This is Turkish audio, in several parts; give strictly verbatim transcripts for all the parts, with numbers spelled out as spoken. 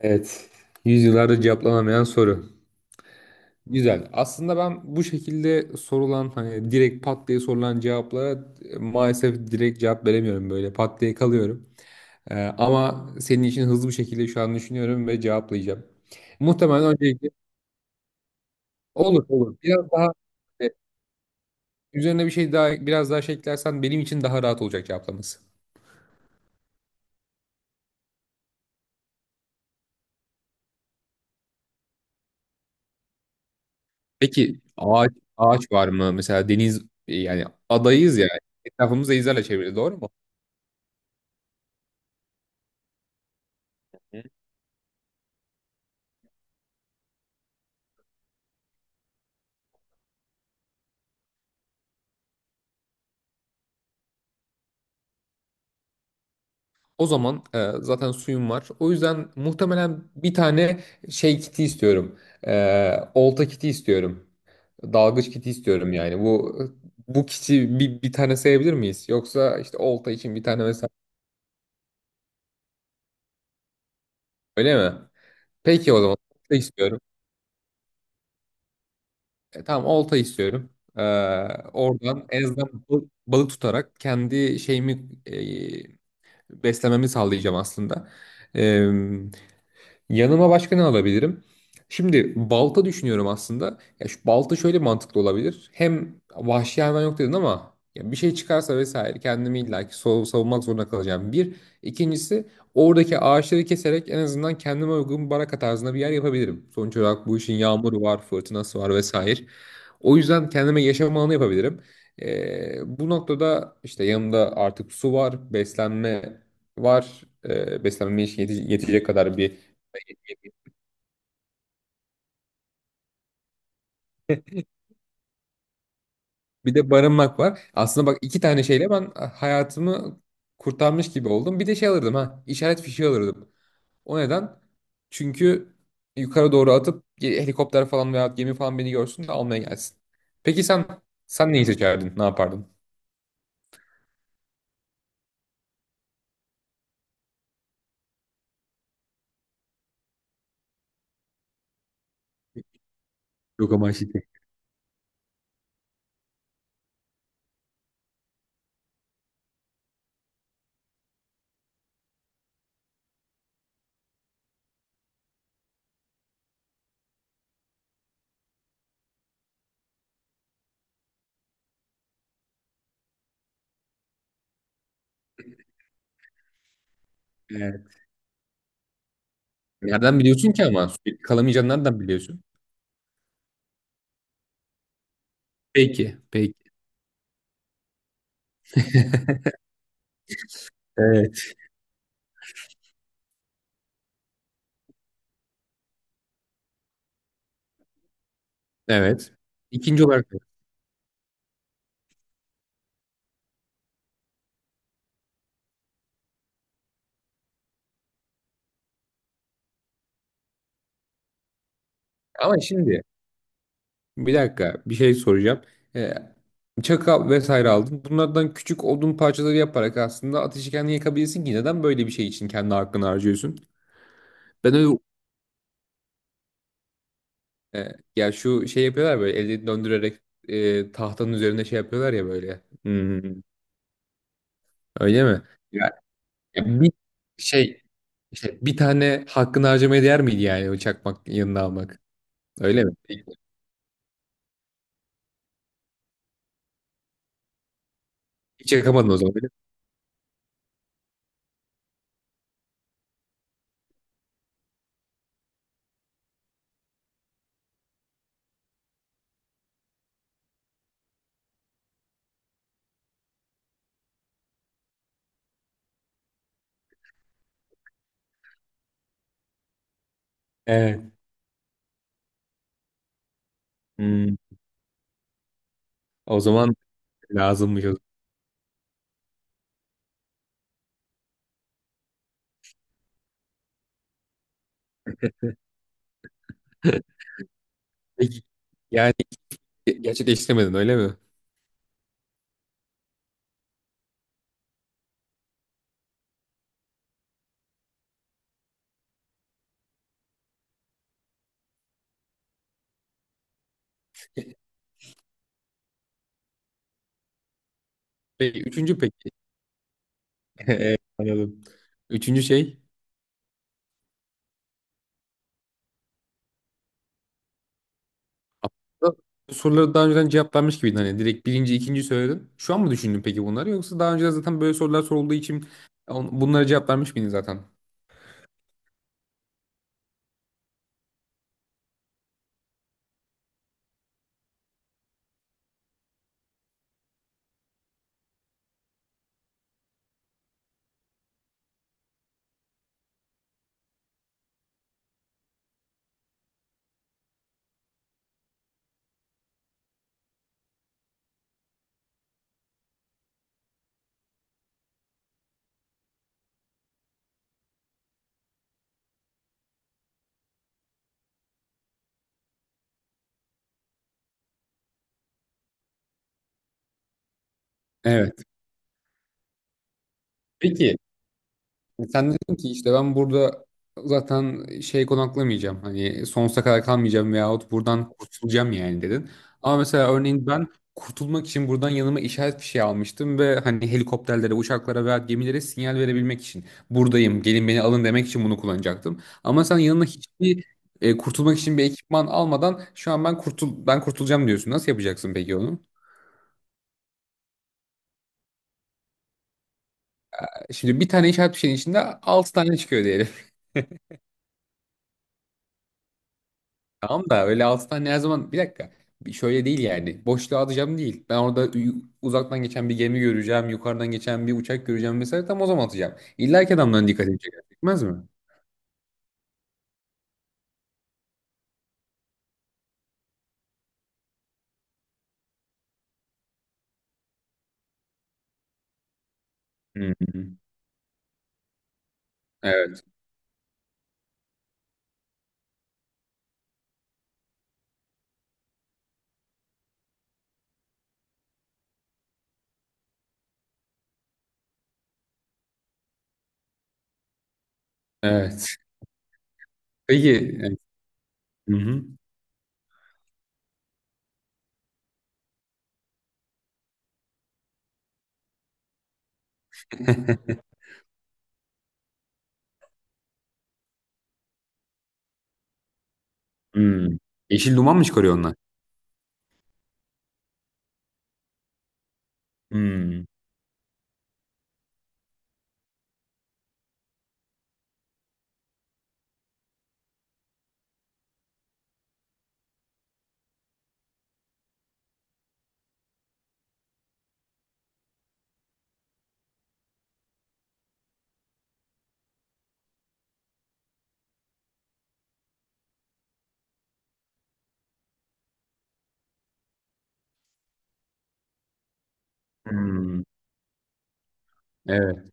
Evet. Yüzyıllardır cevaplanamayan soru. Güzel. Aslında ben bu şekilde sorulan hani direkt pat diye sorulan cevaplara e, maalesef direkt cevap veremiyorum böyle. Pat diye kalıyorum. Ee, ama senin için hızlı bir şekilde şu an düşünüyorum ve cevaplayacağım. Muhtemelen öncelikle olur olur. Biraz daha e, üzerine bir şey daha biraz daha şey eklersen benim için daha rahat olacak cevaplaması. Peki ağaç ağaç var mı? Mesela deniz e, yani adayız ya. Etrafımız denizlerle çevrili, doğru mu? O zaman e, zaten suyum var. O yüzden muhtemelen bir tane şey kiti istiyorum. E, olta kiti istiyorum. Dalgıç kiti istiyorum yani. Bu bu kiti bir, bir tane sayabilir miyiz? Yoksa işte olta için bir tane mesela, öyle mi? Peki o zaman olta istiyorum. E, tamam, olta istiyorum. E, Oradan en azından bal- balık tutarak kendi şeyimi e, beslememi sağlayacağım aslında. Yanıma başka ne alabilirim? Şimdi balta düşünüyorum aslında. Ya şu balta şöyle mantıklı olabilir. Hem vahşi hayvan yok dedin ama ya bir şey çıkarsa vesaire, kendimi illaki sav- savunmak zorunda kalacağım. Bir. İkincisi, oradaki ağaçları keserek en azından kendime uygun bir baraka tarzında bir yer yapabilirim. Sonuç olarak bu işin yağmuru var, fırtınası var vesaire. O yüzden kendime yaşam alanı yapabilirim. Ee, bu noktada işte yanımda artık su var, beslenme var. Ee, beslenmeme yete- yetecek kadar bir. Bir de barınmak var. Aslında bak, iki tane şeyle ben hayatımı kurtarmış gibi oldum. Bir de şey alırdım ha. işaret fişeği alırdım. O neden? Çünkü yukarı doğru atıp ge- helikopter falan veya gemi falan beni görsün de almaya gelsin. Peki sen sen neyi seçerdin? Ne yapardın? Yok ama işte. Evet. Nereden biliyorsun ki ama? Sürekli kalamayacağını nereden biliyorsun? Peki, peki. Evet. İkinci olarak, ama şimdi bir dakika bir şey soracağım. Ee, Çakal vesaire aldın. Bunlardan küçük odun parçaları yaparak aslında ateşi kendin yakabilirsin, ki neden böyle bir şey için kendi hakkını harcıyorsun? Ben öyle e, ya şu şey yapıyorlar böyle elde döndürerek e, tahtanın üzerinde şey yapıyorlar ya böyle. Hmm, öyle mi? Ya, ya bir şey işte, bir tane hakkını harcamaya değer miydi yani, o çakmak yanına almak? Öyle mi? Hiç yakamadın o zaman, öyle mi? Evet. Hmm, o zaman lazımmış o zaman. Peki, yani gerçekleştiremedin, öyle mi? Peki üçüncü, peki. Evet, anladım. Üçüncü şey. Bu soruları daha önceden cevaplanmış gibiydin, hani direkt birinci, ikinci söyledin. Şu an mı düşündün peki bunları, yoksa daha önce zaten böyle sorular sorulduğu için on- bunlara cevaplanmış mıydın zaten? Evet. Peki. E, Sen dedin ki işte ben burada zaten şey, konaklamayacağım. Hani sonsuza kadar kalmayacağım veyahut buradan kurtulacağım yani, dedin. Ama mesela örneğin ben kurtulmak için buradan yanıma işaret fişeği almıştım ve hani helikopterlere, uçaklara veya gemilere sinyal verebilmek için buradayım, gelin beni alın demek için bunu kullanacaktım. Ama sen yanına hiçbir e, kurtulmak için bir ekipman almadan şu an ben kurtul ben kurtulacağım diyorsun. Nasıl yapacaksın peki onu? Şimdi bir tane işaret fişeğinin içinde altı tane çıkıyor. Tamam da öyle altı tane her zaman, bir dakika. Bir. Şöyle değil yani. Boşluğa atacağım değil. Ben orada ü- uzaktan geçen bir gemi göreceğim. Yukarıdan geçen bir uçak göreceğim mesela. Tam o zaman atacağım. İlla ki adamların dikkatini çeker. Çekmez mi? Hı hı. Evet. Evet. Peki. Evet. Hı hı. Hı. Yeşil duman mı çıkarıyor onlar? Hı. Hı. Evet.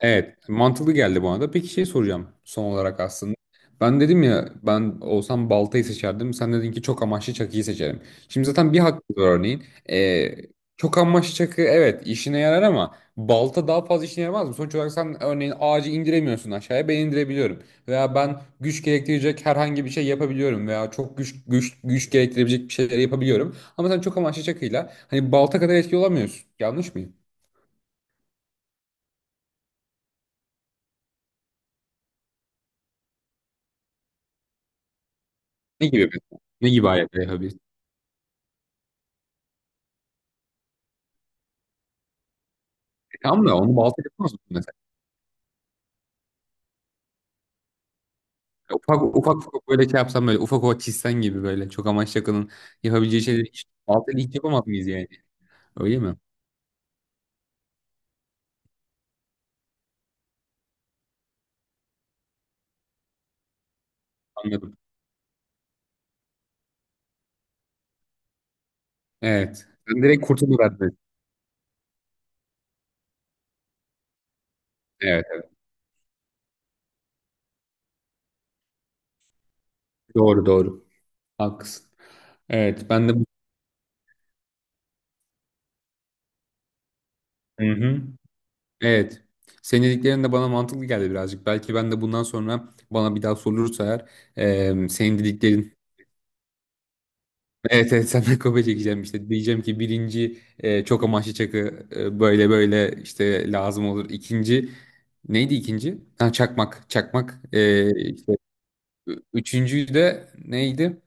Evet, mantıklı geldi bana da. Peki şey soracağım son olarak aslında. Ben dedim ya, ben olsam baltayı seçerdim. Sen dedin ki çok amaçlı çakıyı seçerim. Şimdi zaten bir hakkı var örneğin. Ee, Çok amaçlı çakı evet, işine yarar ama balta daha fazla işine yaramaz mı? Sonuç olarak sen örneğin ağacı indiremiyorsun aşağıya, ben indirebiliyorum. Veya ben güç gerektirecek herhangi bir şey yapabiliyorum. Veya çok güç güç güç gerektirebilecek bir şeyleri yapabiliyorum. Ama sen çok amaçlı çakıyla hani balta kadar etki olamıyorsun. Yanlış mıyım? Ne gibi? Ne gibi aletler yapabilirsin? Tamam da onu balta yapamaz mısın mesela? Ufak ufak ufak böyle şey yapsam, böyle ufak ufak çizsen gibi, böyle çok amaçlı yakının yapabileceği şeyleri hiç, baltayla hiç yapamaz mıyız yani? Öyle mi? Anladım. Evet. Sen direkt kurtuluverdin. Evet. Doğru doğru. Haklısın. Evet ben de bu... Hı-hı. Evet. Senin dediklerin de bana mantıklı geldi birazcık. Belki ben de bundan sonra bana bir daha sorulursa eğer e, senin dediklerin. Evet, evet, senden kopya çekeceğim işte. Diyeceğim ki birinci e, çok amaçlı çakı e, böyle böyle işte lazım olur. İkinci neydi ikinci? Ha, çakmak, çakmak. E, işte, ü- üçüncüyü de neydi?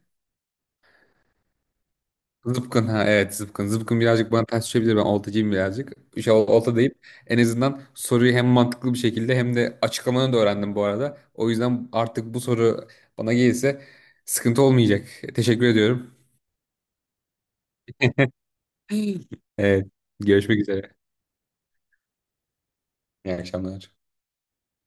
Zıpkın ha, evet zıpkın. Zıpkın birazcık bana ters düşebilir, ben oltacıyım birazcık. İşte ol- olta deyip en azından soruyu hem mantıklı bir şekilde hem de açıklamanı da öğrendim bu arada. O yüzden artık bu soru bana gelirse sıkıntı olmayacak. Teşekkür ediyorum. Evet, görüşmek üzere. İyi akşamlar.